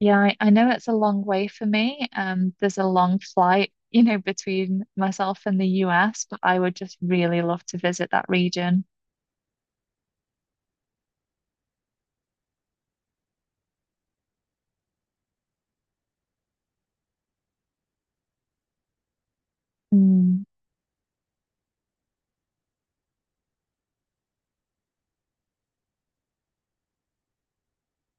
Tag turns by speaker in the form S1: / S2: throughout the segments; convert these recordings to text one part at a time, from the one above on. S1: Yeah, I know it's a long way for me. There's a long flight, you know, between myself and the US, but I would just really love to visit that region. Mm.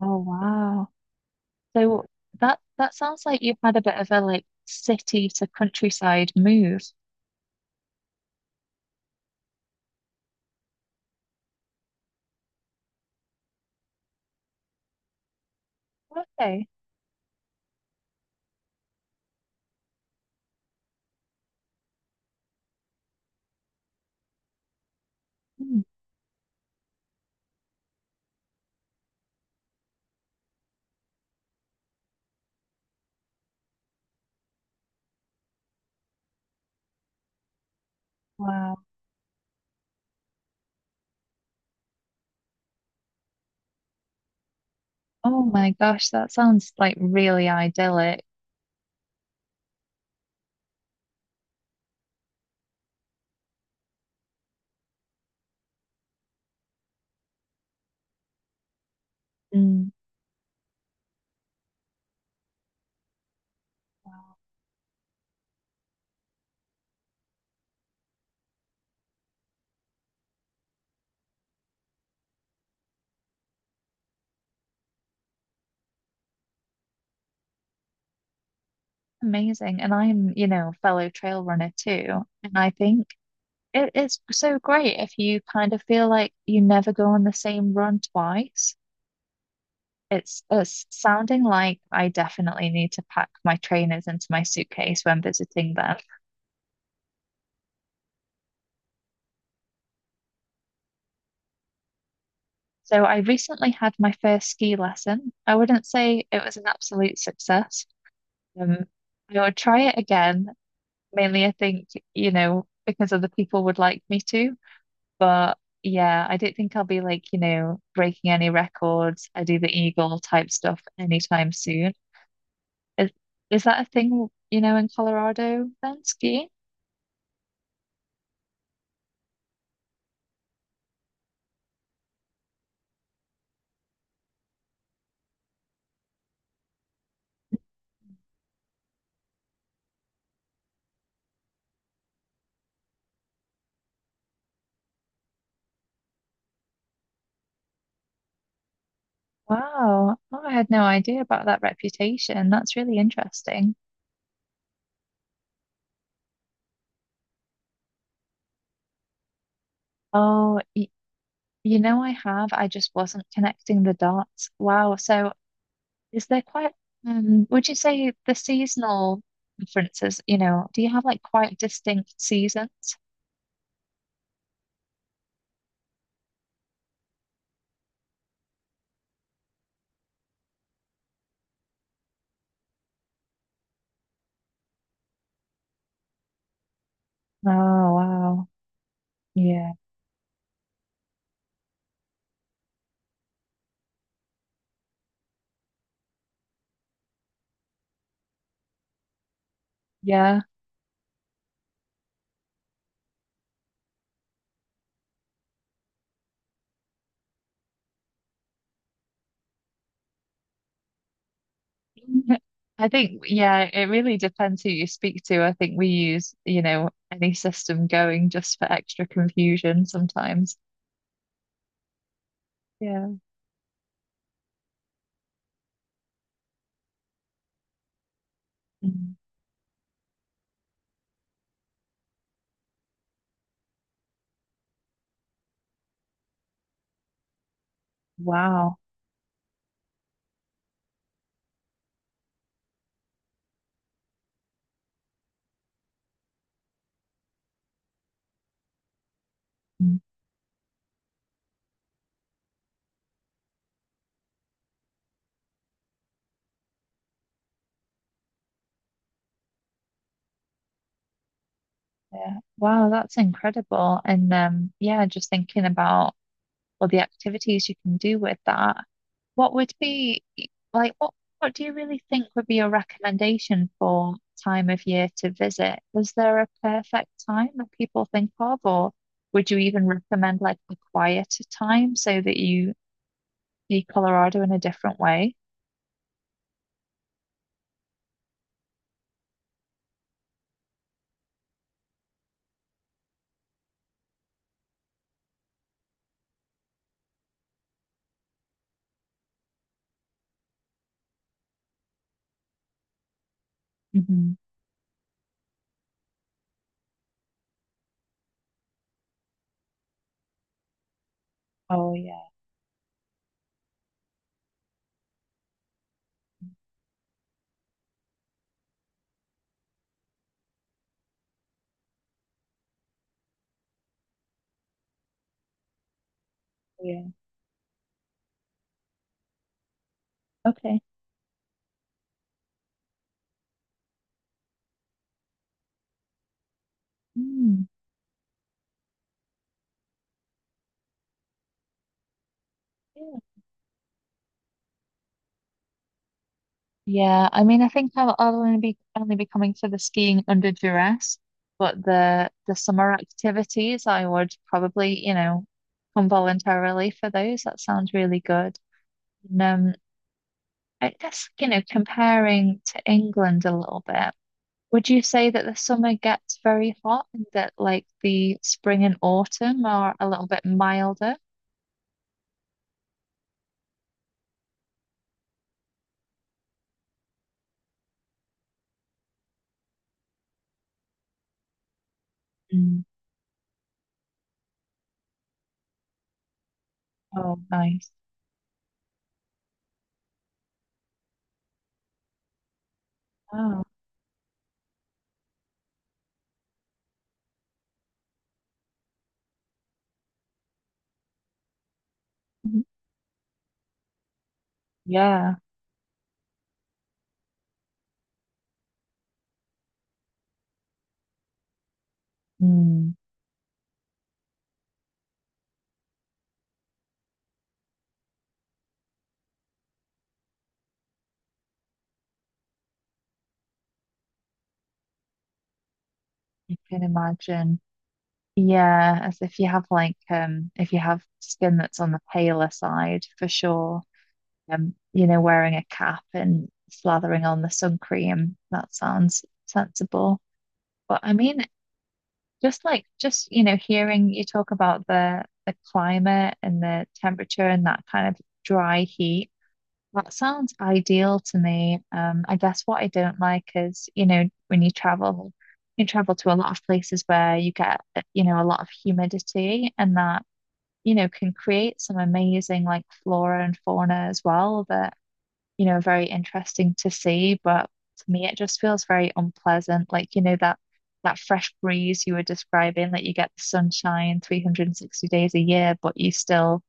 S1: Oh wow. So that sounds like you've had a bit of a like city to countryside move. Okay. Mm. Wow. Oh my gosh, that sounds like really idyllic. Mm. Wow. Amazing. And I'm, you know, fellow trail runner too. And I think it is so great if you kind of feel like you never go on the same run twice. It's sounding like I definitely need to pack my trainers into my suitcase when visiting them. So I recently had my first ski lesson. I wouldn't say it was an absolute success. Um, I would try it again. Mainly, I think, you know, because other people would like me to. But yeah, I don't think I'll be like, you know, breaking any records. I do the eagle type stuff anytime soon. Is is that a thing, you know, in Colorado then, skiing? Wow. Oh, I had no idea about that reputation. That's really interesting. Oh, y You know, I have. I just wasn't connecting the dots. Wow. So is there quite, would you say the seasonal differences, you know, do you have like quite distinct seasons? Oh, wow. Yeah. Yeah. I think, yeah, it really depends who you speak to. I think we use, you know, any system going just for extra confusion sometimes. Yeah. Mm. Wow. Mm. Yeah. Wow, that's incredible. And yeah, just thinking about or the activities you can do with that, what would be like what do you really think would be your recommendation for time of year to visit? Is there a perfect time that people think of, or would you even recommend like a quieter time so that you see Colorado in a different way? Hmm. Oh yeah, yeah. Okay. Mm. Yeah, I mean, I think I'll only be coming to the skiing under duress, but the summer activities, I would probably, you know, come voluntarily for those. That sounds really good. And, I guess, you know, comparing to England a little bit, would you say that the summer gets very hot and that like the spring and autumn are a little bit milder? Mm. Oh, nice. Oh, mhm. Yeah. Mm, I can imagine. Yeah, as if you have like if you have skin that's on the paler side, for sure. You know, wearing a cap and slathering on the sun cream, that sounds sensible. But I mean, just like just, you know, hearing you talk about the climate and the temperature and that kind of dry heat. That sounds ideal to me. I guess what I don't like is, you know, when you travel to a lot of places where you get, you know, a lot of humidity and that, you know, can create some amazing like flora and fauna as well that, you know, are very interesting to see. But to me, it just feels very unpleasant. Like, you know, that fresh breeze you were describing, that you get the sunshine 360 days a year, but you still,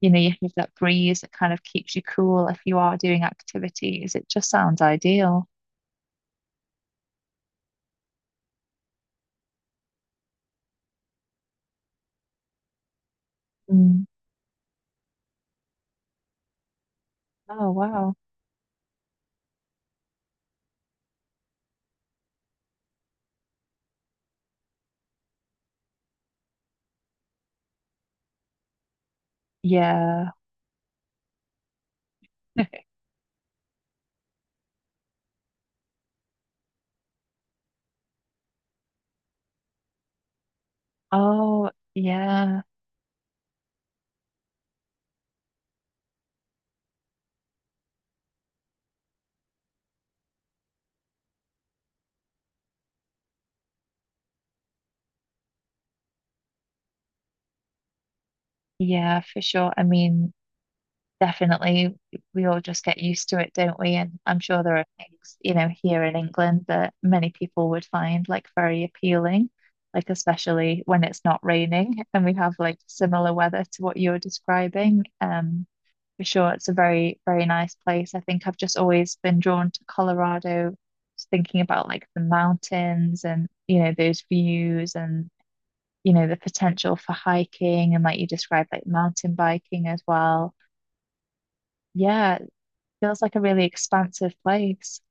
S1: you know, you have that breeze that kind of keeps you cool if you are doing activities. It just sounds ideal. Mm. Oh, wow. Yeah. Oh, yeah. Yeah, for sure. I mean, definitely, we all just get used to it, don't we? And I'm sure there are things, you know, here in England that many people would find like very appealing, like especially when it's not raining and we have like similar weather to what you're describing. For sure. It's a very, very nice place. I think I've just always been drawn to Colorado, just thinking about like the mountains and, you know, those views and, you know, the potential for hiking and like you described, like mountain biking as well. Yeah, it feels like a really expansive place.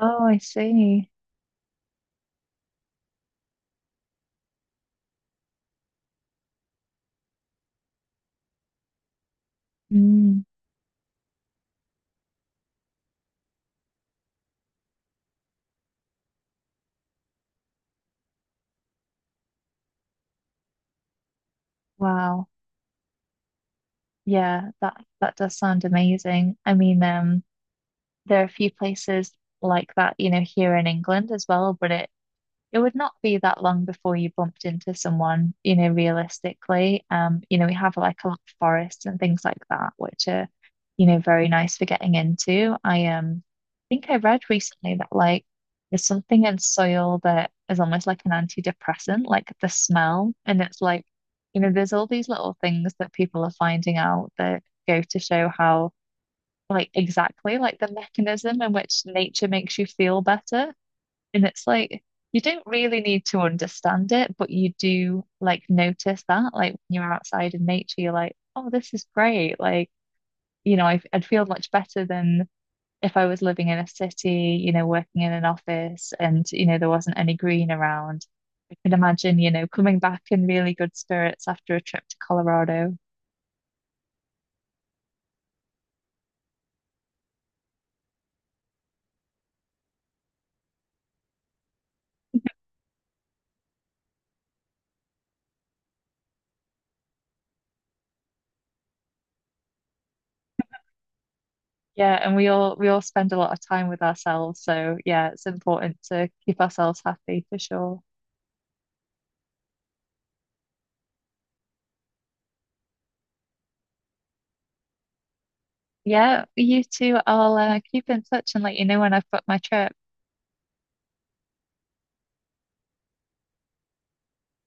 S1: Oh, I see. Mm, wow. Yeah, that does sound amazing. I mean, there are a few places like that, you know, here in England as well, but it would not be that long before you bumped into someone, you know, realistically. You know, we have like a lot of forests and things like that, which are, you know, very nice for getting into. I think I read recently that like there's something in soil that is almost like an antidepressant, like the smell. And it's like, you know, there's all these little things that people are finding out that go to show how like exactly like the mechanism in which nature makes you feel better and it's like you don't really need to understand it, but you do like notice that. Like when you're outside in nature, you're like, oh, this is great. Like, you know, I'd feel much better than if I was living in a city, you know, working in an office and, you know, there wasn't any green around. I can imagine, you know, coming back in really good spirits after a trip to Colorado. Yeah, and we all spend a lot of time with ourselves, so yeah, it's important to keep ourselves happy for sure. Yeah, you two, I'll keep in touch and let you know when I've booked my trip.